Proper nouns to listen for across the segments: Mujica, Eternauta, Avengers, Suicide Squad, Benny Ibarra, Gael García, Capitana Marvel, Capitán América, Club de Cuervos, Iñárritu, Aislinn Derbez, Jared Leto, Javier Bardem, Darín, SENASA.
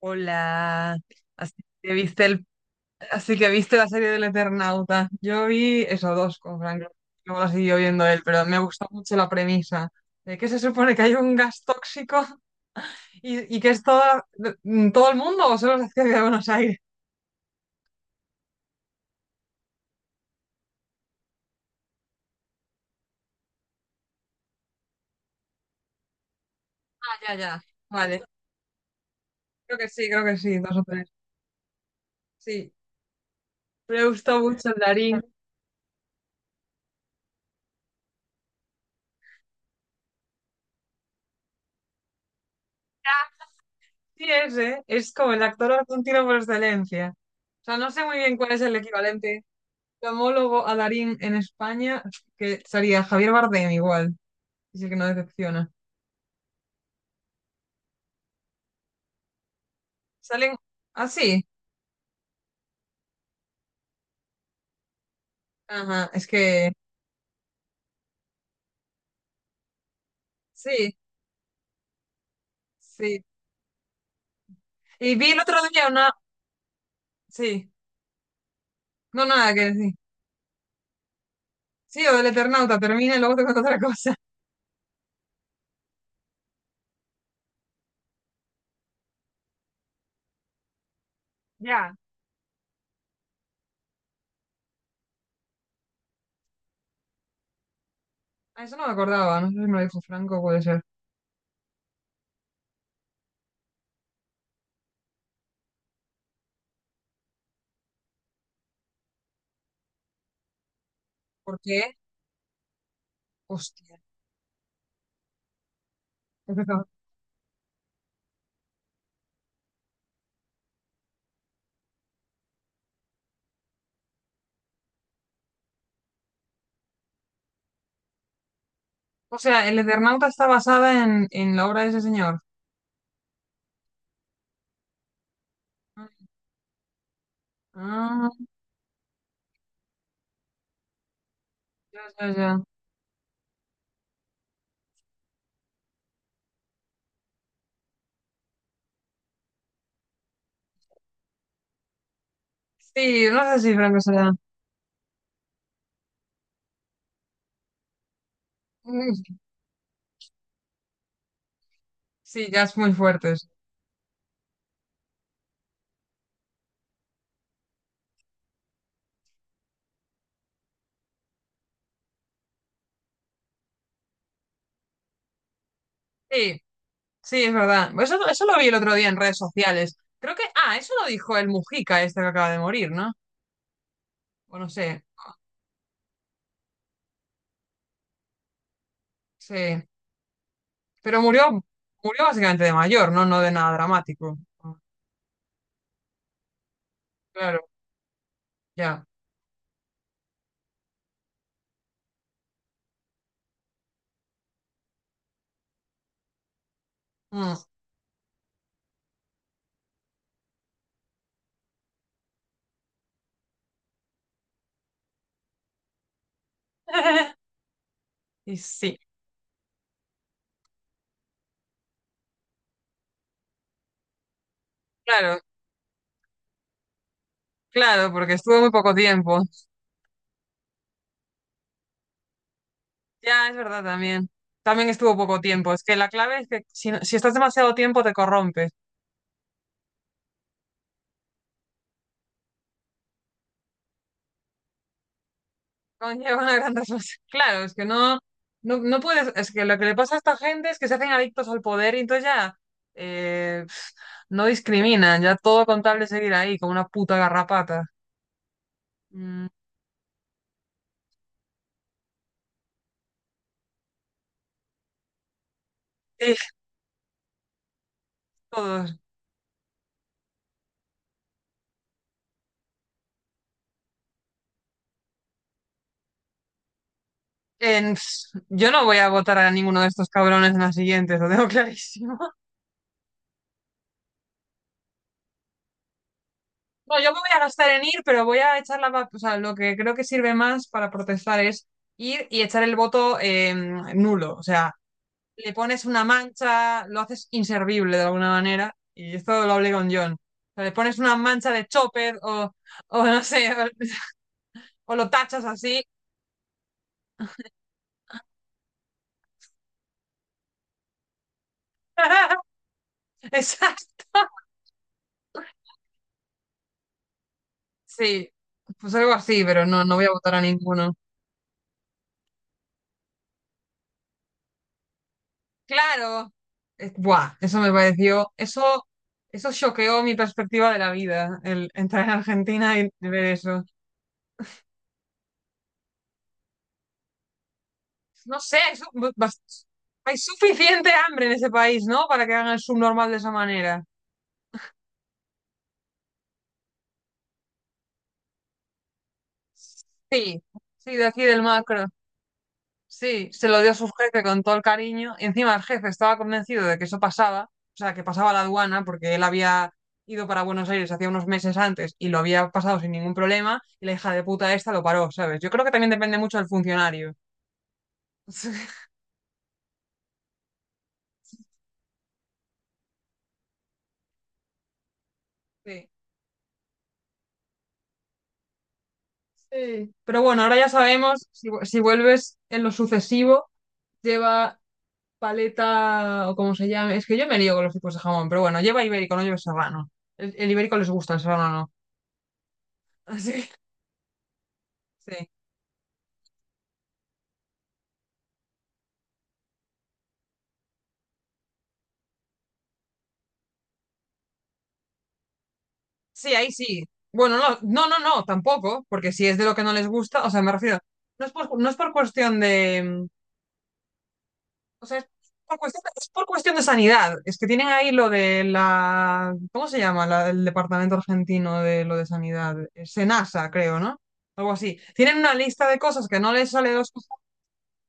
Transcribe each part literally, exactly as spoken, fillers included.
Hola, así que viste el, así que viste la serie del Eternauta. Yo vi eso dos con Frank. Luego la siguió viendo él, pero me gustó mucho la premisa de que se supone que hay un gas tóxico y, y que es todo, mm, todo el mundo o solo se hacía de Buenos Aires. Ah, ya, ya. Vale, creo que sí, creo que sí, dos o tres. Sí, me gustó mucho el Darín. Sí, ese es como el actor argentino por excelencia. O sea, no sé muy bien cuál es el equivalente Camólogo a Darín en España, que sería Javier Bardem igual, es el que no decepciona. Salen así. Ajá, es que sí, sí. Y vi el otro día una, sí, no nada que decir. Sí, o del Eternauta, termina y luego te cuento otra cosa. Ya. Ah, eso no me acordaba, no sé si me lo dijo Franco, puede ser. ¿Por qué? Hostia, es verdad. O sea, el Eternauta está basada en, en la obra de ese señor. Ah, ya, ya, ya. Sí, no sé si Franco será. Mm. Sí, ya es muy fuerte. Sí, sí, es verdad. Eso, eso lo vi el otro día en redes sociales. Creo que, ah, eso lo dijo el Mujica, este que acaba de morir, ¿no? O no sé, sí. Pero murió, murió básicamente de mayor, ¿no? No de nada dramático. Claro, ya. Mm. Y sí, claro, claro, porque estuvo muy poco tiempo. Ya, es verdad también. También estuvo poco tiempo. Es que la clave es que si, si estás demasiado tiempo te corrompes. Conlleva una gran responsabilidad. Claro, es que no, no, no puedes, es que lo que le pasa a esta gente es que se hacen adictos al poder y entonces ya eh, pf, no discriminan, ya todo contable seguir ahí como una puta garrapata. Mm, sí, todos. En- pf, yo no voy a votar a ninguno de estos cabrones en las siguientes, lo tengo clarísimo. No, yo me voy a gastar en ir, pero voy a echar la... va- o sea, lo que creo que sirve más para protestar es ir y echar el voto eh, nulo. O sea, le pones una mancha, lo haces inservible de alguna manera, y esto lo hablé con John. O sea, le pones una mancha de chopper o, o no sé, o, o lo tachas así. Exacto. Sí, pues algo así, pero no, no voy a votar a ninguno. Claro, es- buah, eso me pareció, eso, eso choqueó mi perspectiva de la vida, el entrar en Argentina y ver eso. No sé, hay, su- bas- hay suficiente hambre en ese país, ¿no? Para que hagan el subnormal de esa manera. Sí, sí, de aquí del macro. Sí, se lo dio a su jefe con todo el cariño. Y encima el jefe estaba convencido de que eso pasaba, o sea, que pasaba la aduana, porque él había ido para Buenos Aires hacía unos meses antes y lo había pasado sin ningún problema. Y la hija de puta esta lo paró, ¿sabes? Yo creo que también depende mucho del funcionario. Sí. Sí. Pero bueno, ahora ya sabemos, si, vu- si vuelves en lo sucesivo, lleva paleta o como se llame. Es que yo me lío con los tipos de jamón, pero bueno, lleva ibérico, no lleva serrano. El, el ibérico les gusta, el serrano no. Así, sí. Sí, ahí sí. Bueno, no, no, no, no, tampoco, porque si es de lo que no les gusta, o sea, me refiero, no es por, no es por cuestión de, mm, o sea, es por cuestión, es por cuestión de sanidad. Es que tienen ahí lo de la, ¿cómo se llama? La, el Departamento Argentino de lo de Sanidad, eh, SENASA, creo, ¿no? Algo así. Tienen una lista de cosas que no les sale dos cosas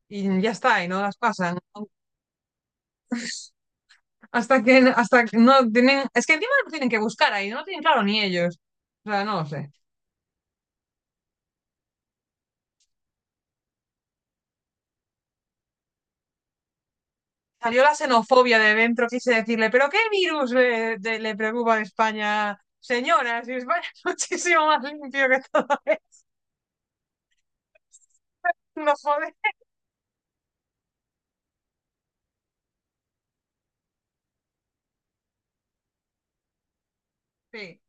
y ya está, y no las pasan. Hasta que, hasta que no tienen, es que encima no tienen que buscar ahí, no lo tienen claro ni ellos. O sea, no lo sé. Salió la xenofobia de dentro, quise decirle, ¿pero qué virus le, de- le preocupa a España, señora? Si España es muchísimo más limpio que todo esto, no joder. Sí,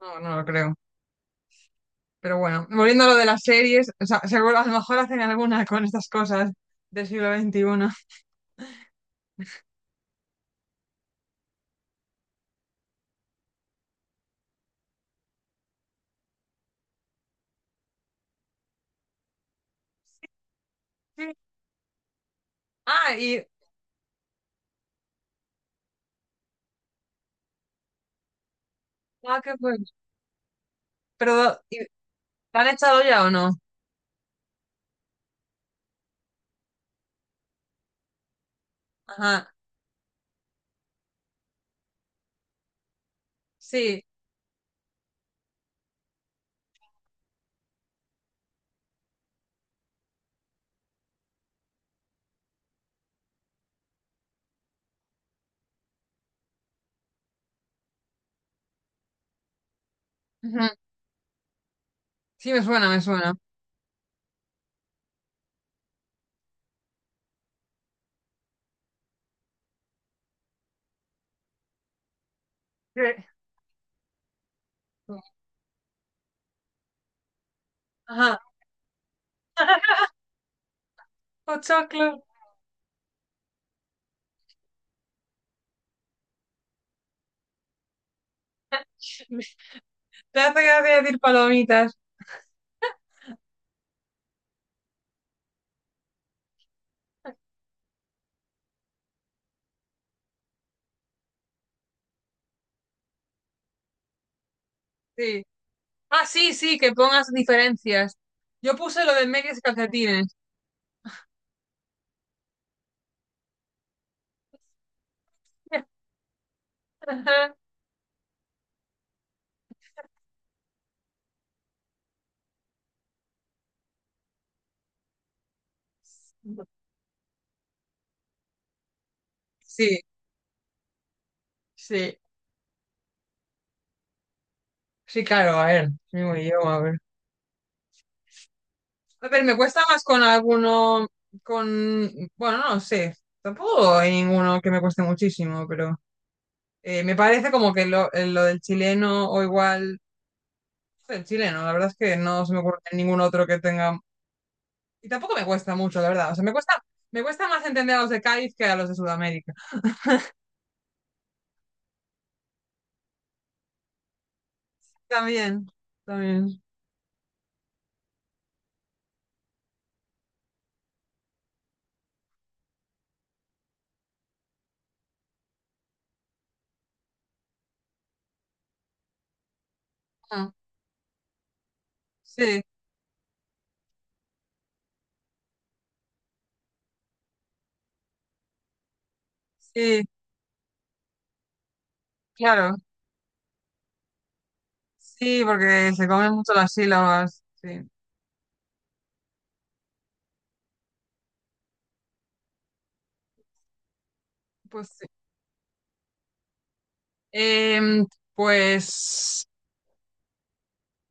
no, no lo creo. Pero bueno, volviendo a lo de las series, o sea, seguro a lo mejor hacen alguna con estas cosas del siglo veintiuno. Sí. Ah, y, ah, qué bueno. Pero, ¿y la han echado ya o no? Ajá, sí. Ujú. Sí, me suena, me suena. Sí. Ajá, pochoclo. Te hace gracia decir palomitas. Sí. Ah, sí, sí, que pongas diferencias. Yo puse lo de medias y calcetines. Sí, sí, sí, claro, a ver, mismo idioma, a ver. A ver, me cuesta más con alguno, con, bueno, no sé, tampoco hay ninguno que me cueste muchísimo, pero eh, me parece como que lo, eh, lo del chileno o igual, el chileno, la verdad es que no se me ocurre ningún otro que tenga, y tampoco me cuesta mucho, la verdad, o sea, me cuesta, me cuesta más entender a los de Cádiz que a los de Sudamérica. También, también. Sí, sí, claro. Sí, porque se comen mucho las sílabas. Sí, pues sí. Em, pues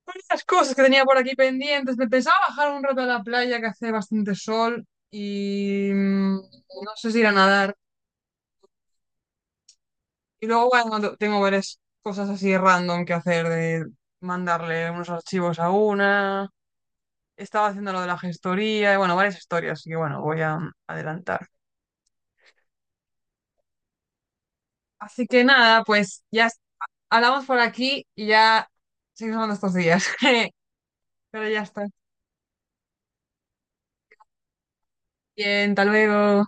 varias cosas que tenía por aquí pendientes. Me pensaba bajar un rato a la playa que hace bastante sol y mm, no sé si ir a nadar. Y luego, bueno, to- tengo varias cosas así random que hacer de mandarle unos archivos a una. Estaba haciendo lo de la gestoría y bueno, varias historias. Y bueno, voy a adelantar. Así que nada, pues ya es- hablamos por aquí y ya seguimos nuestros días. Pero ya está. Bien, hasta luego.